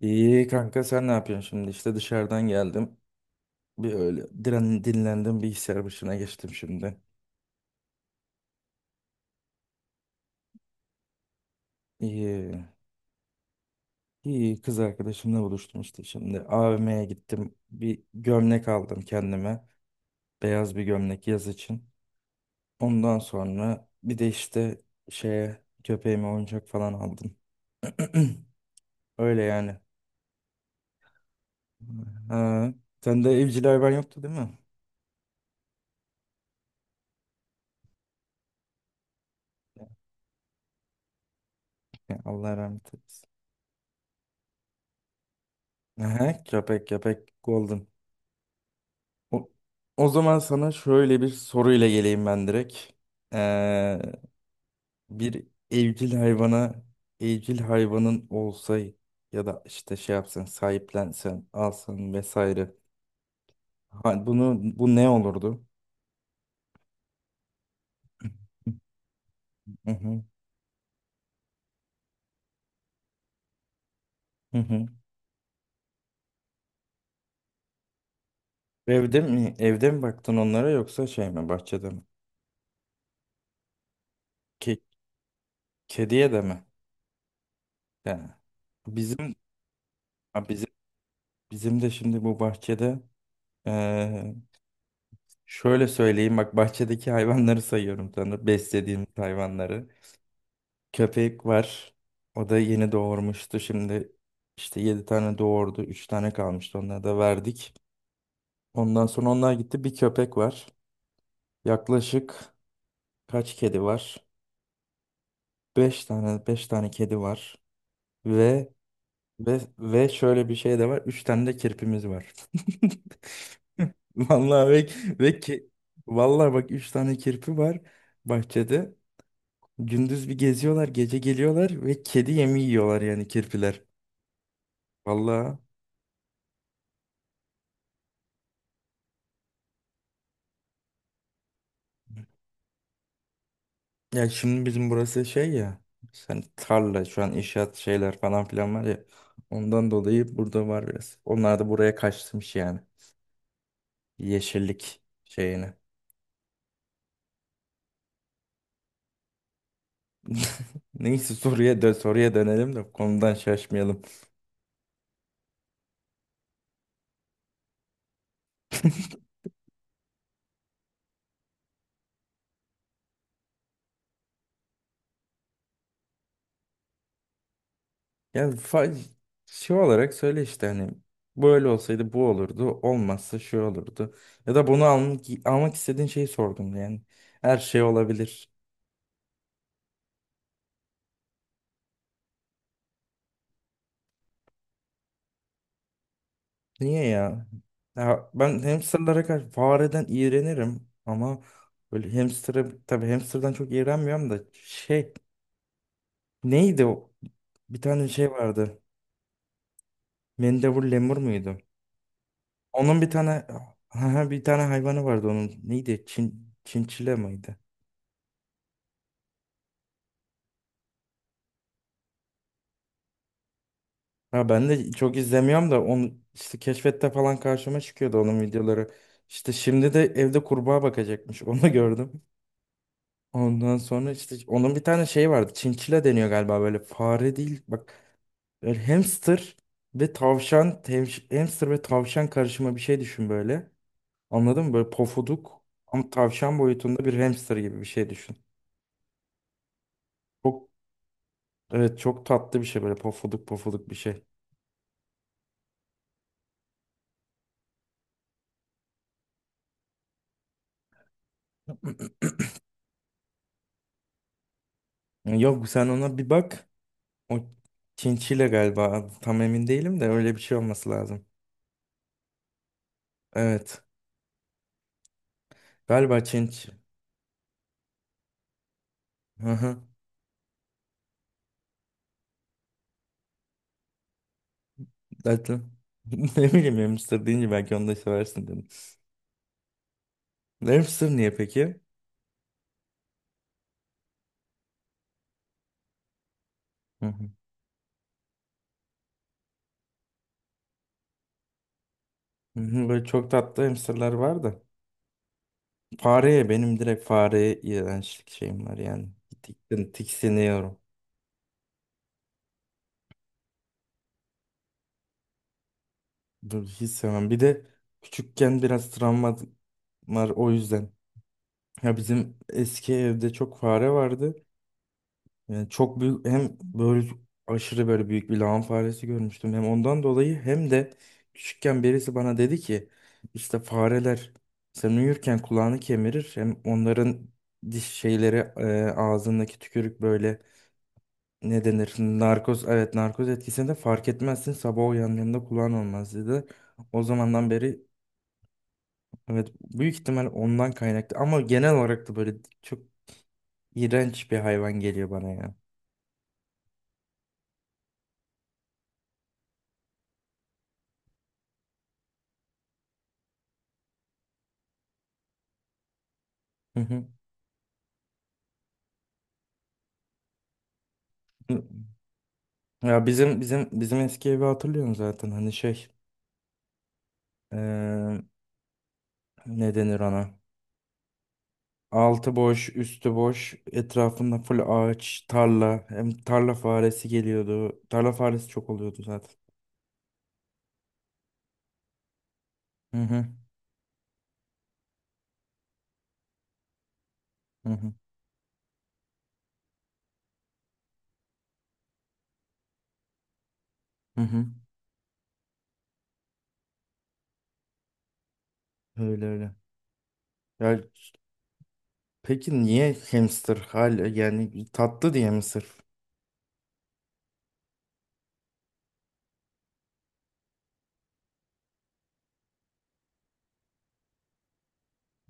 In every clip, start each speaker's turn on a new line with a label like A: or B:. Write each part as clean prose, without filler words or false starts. A: İyi kanka sen ne yapıyorsun şimdi? İşte dışarıdan geldim. Bir öyle dinlendim, bilgisayar başına geçtim şimdi. İyi. İyi, kız arkadaşımla buluştum işte şimdi. AVM'ye gittim. Bir gömlek aldım kendime. Beyaz bir gömlek yaz için. Ondan sonra bir de işte köpeğime oyuncak falan aldım. Öyle yani. Ha. Sende evcil hayvan yoktu, değil mi? Ya, Allah rahmet eylesin. Aha, köpek golden. O, o zaman sana şöyle bir soruyla geleyim ben direkt. Ee, Bir evcil hayvana, evcil hayvanın olsa ya da işte şey yapsan, sahiplensen, alsan vesaire. Ha, bu ne olurdu? Hı hı, hı hı. Evde mi, evde mi baktın onlara, yoksa şey mi, bahçede mi? Ke- kediye de mi? Yani bizim, ha, bizim de şimdi bu bahçede eee, şöyle söyleyeyim, bak, bahçedeki hayvanları sayıyorum sana. Beslediğimiz hayvanları. Köpek var. O da yeni doğurmuştu. Şimdi işte 7 tane doğurdu. Üç tane kalmıştı. Onları da verdik. Ondan sonra onlar gitti. Bir köpek var. Yaklaşık kaç kedi var? Beş tane kedi var. Ve ve şöyle bir şey de var. Üç tane de kirpimiz var. Vallahi ve, ve ki, vallahi bak 3 tane kirpi var bahçede. Gündüz bir geziyorlar, gece geliyorlar ve kedi yemi yiyorlar yani, kirpiler. Vallahi, ya şimdi bizim burası şey ya. Sen tarla, şu an inşaat şeyler falan filan var ya. Ondan dolayı burada var biraz. Onlar da buraya kaçmış yani. Yeşillik şeyine. Neyse, soruya dönelim de konudan şaşmayalım. Yani şey olarak söyle işte, hani böyle olsaydı bu olurdu, olmazsa şu olurdu. Ya da bunu almak istediğin şeyi sordum yani. Her şey olabilir. Niye ya? Ya, ben hamsterlara karşı, fareden iğrenirim ama böyle hamster'a tabii, hamster'dan çok iğrenmiyorum da, şey, neydi o? Bir tane şey vardı. Mendebur lemur muydu? Onun bir tane bir tane hayvanı vardı onun. Neydi? Çinçile miydi? Ha, ben de çok izlemiyorum da onu, işte keşfette falan karşıma çıkıyordu onun videoları. İşte şimdi de evde kurbağa bakacakmış. Onu gördüm. Ondan sonra işte onun bir tane şey vardı. Çinçile deniyor galiba, böyle fare değil. Bak, böyle hamster ve tavşan, hamster ve tavşan karışımı bir şey düşün böyle. Anladın mı? Böyle pofuduk, ama tavşan boyutunda bir hamster gibi bir şey düşün. Çok evet, çok tatlı bir şey, böyle pofuduk pofuduk bir şey. Yok, sen ona bir bak. O çinçile galiba. Tam emin değilim de öyle bir şey olması lazım. Evet. Galiba Çinç. Hı hı. Dedim. Ne bileyim, hamster deyince belki onu da seversin dedim. Hamster niye peki? Hı hı. Hı hı, böyle çok tatlı hamsterlar var da. Fareye, benim direkt fareye iğrençlik şeyim var yani. Tiksiniyorum. Dur, hiç sevmem. Bir de küçükken biraz travma var, o yüzden. Ya, bizim eski evde çok fare vardı. Yani çok büyük, hem böyle aşırı böyle büyük bir lağım faresi görmüştüm. Hem ondan dolayı, hem de küçükken birisi bana dedi ki işte, fareler sen uyurken kulağını kemirir. Hem onların diş şeyleri, ağzındaki tükürük, böyle ne denir? Narkoz, evet, narkoz etkisini de fark etmezsin. Sabah uyandığında kulağın olmaz dedi. O zamandan beri, evet, büyük ihtimal ondan kaynaklı, ama genel olarak da böyle çok iğrenç bir hayvan geliyor bana ya. Hı hı. Ya bizim eski evi hatırlıyorum zaten, hani şey, eee ne denir ona, altı boş üstü boş, etrafında full ağaç, tarla, hem tarla faresi geliyordu, tarla faresi çok oluyordu zaten. Hı hı, hı hı, hı hı. Öyle öyle. Ya peki niye hamster hala, yani tatlı diye mi sırf?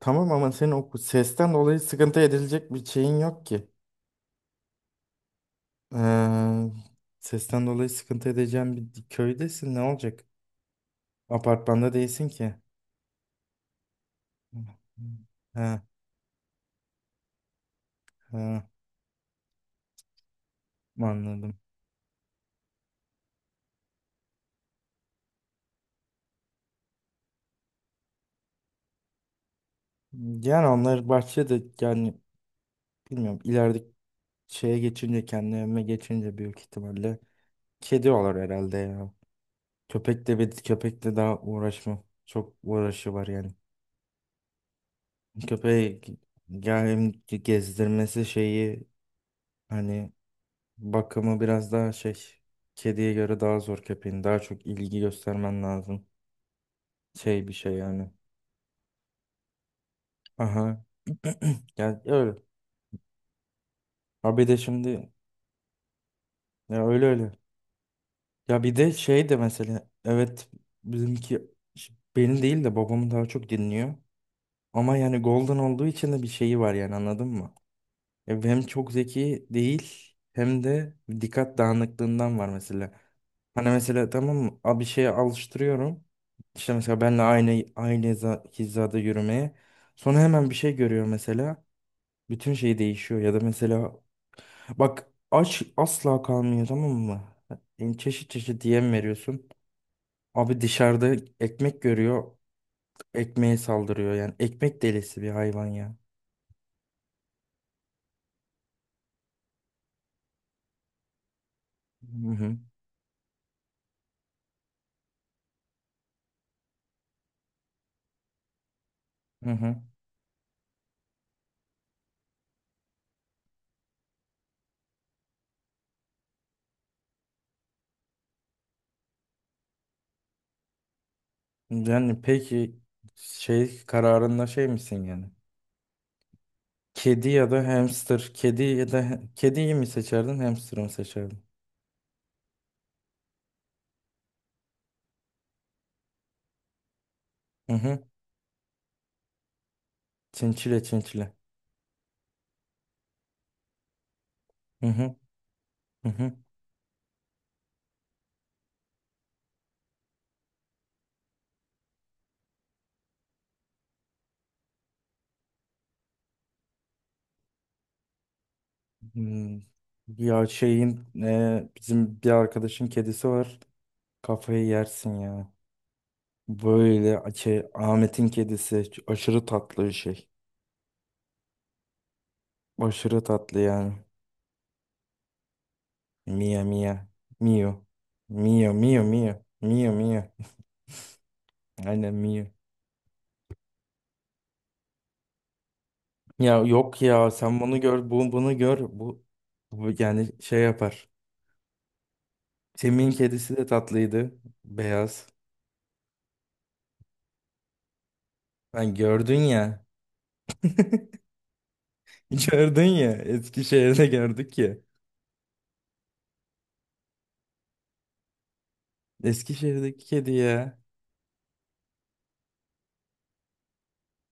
A: Tamam ama senin o sesten dolayı sıkıntı edilecek bir şeyin yok ki. Eee sesten dolayı sıkıntı edeceğin bir köydesin, ne olacak? Apartmanda değilsin ki. Ha, ha, anladım. Yani onlar bahçede yani, bilmiyorum, ileride şeye geçince kendi evime geçince büyük ihtimalle kedi olur herhalde ya. Köpek de, bir köpekle daha uğraşmam. Çok uğraşı var yani. Köpeği, yani hem gezdirmesi şeyi, hani bakımı biraz daha şey, kediye göre daha zor köpeğin. Daha çok ilgi göstermen lazım. Şey bir şey yani. Aha. Yani öyle. Ha bir de şimdi, ya öyle öyle. Ya bir de şey de mesela, evet, bizimki, benim değil de babam daha çok dinliyor. Ama yani Golden olduğu için de bir şeyi var yani, anladın mı? Ya hem çok zeki değil, hem de dikkat dağınıklığından var mesela. Hani mesela, tamam mı? Bir şeye alıştırıyorum. İşte mesela benle aynı hizada yürümeye. Sonra hemen bir şey görüyor mesela. Bütün şey değişiyor, ya da mesela, bak, aç asla kalmıyor, tamam mı? Yani çeşit çeşit yem veriyorsun. Abi dışarıda ekmek görüyor. Ekmeğe saldırıyor yani. Ekmek delisi bir hayvan ya. Hı hı. Hı hı. Yani peki şey kararında şey misin yani? Kedi ya da hamster. Kedi ya da, kediyi mi seçerdin, hamster'ı mı seçerdin? Hı hı. Çinçile. Hı hı. Hı hı. Hmm. Ya şeyin, bizim bir arkadaşın kedisi var. Kafayı yersin ya. Böyle şey, Ahmet'in kedisi aşırı tatlı bir şey. Aşırı tatlı yani. Mia. Mio. Mio. Mio. Aynen, Mio. Ya yok ya, sen bunu gör, bunu gör. Bu yani şey yapar. Semih'in kedisi de tatlıydı. Beyaz. Ben gördün ya. Gördün ya. Eskişehir'de gördük ya. Eskişehir'deki kedi ya.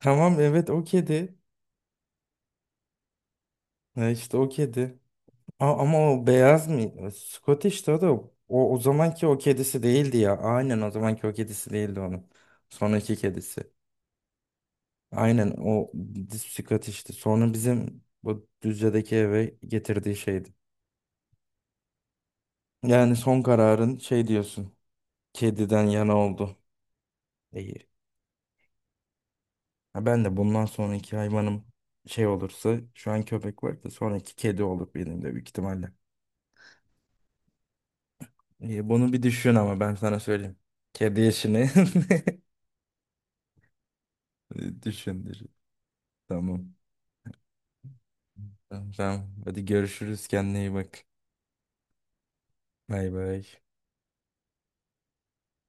A: Tamam, evet, o kedi. Ha işte o kedi. Ama o beyaz mı? Scottish'ti o da, o zamanki o kedisi değildi ya. Aynen, o zamanki o kedisi değildi onun. Sonraki kedisi. Aynen, o Scottish'ti. Sonra bizim bu Düzce'deki eve getirdiği şeydi. Yani son kararın şey diyorsun. Kediden yana oldu. İyi. Ha, ben de bundan sonraki hayvanım şey olursa, şu an köpek var da, sonraki kedi olur benim de büyük ihtimalle. İyi, bunu bir düşün ama, ben sana söyleyeyim. Kedi işini düşün, düşün. Tamam. Tamam. Hadi görüşürüz. Kendine iyi bak. Bay bay.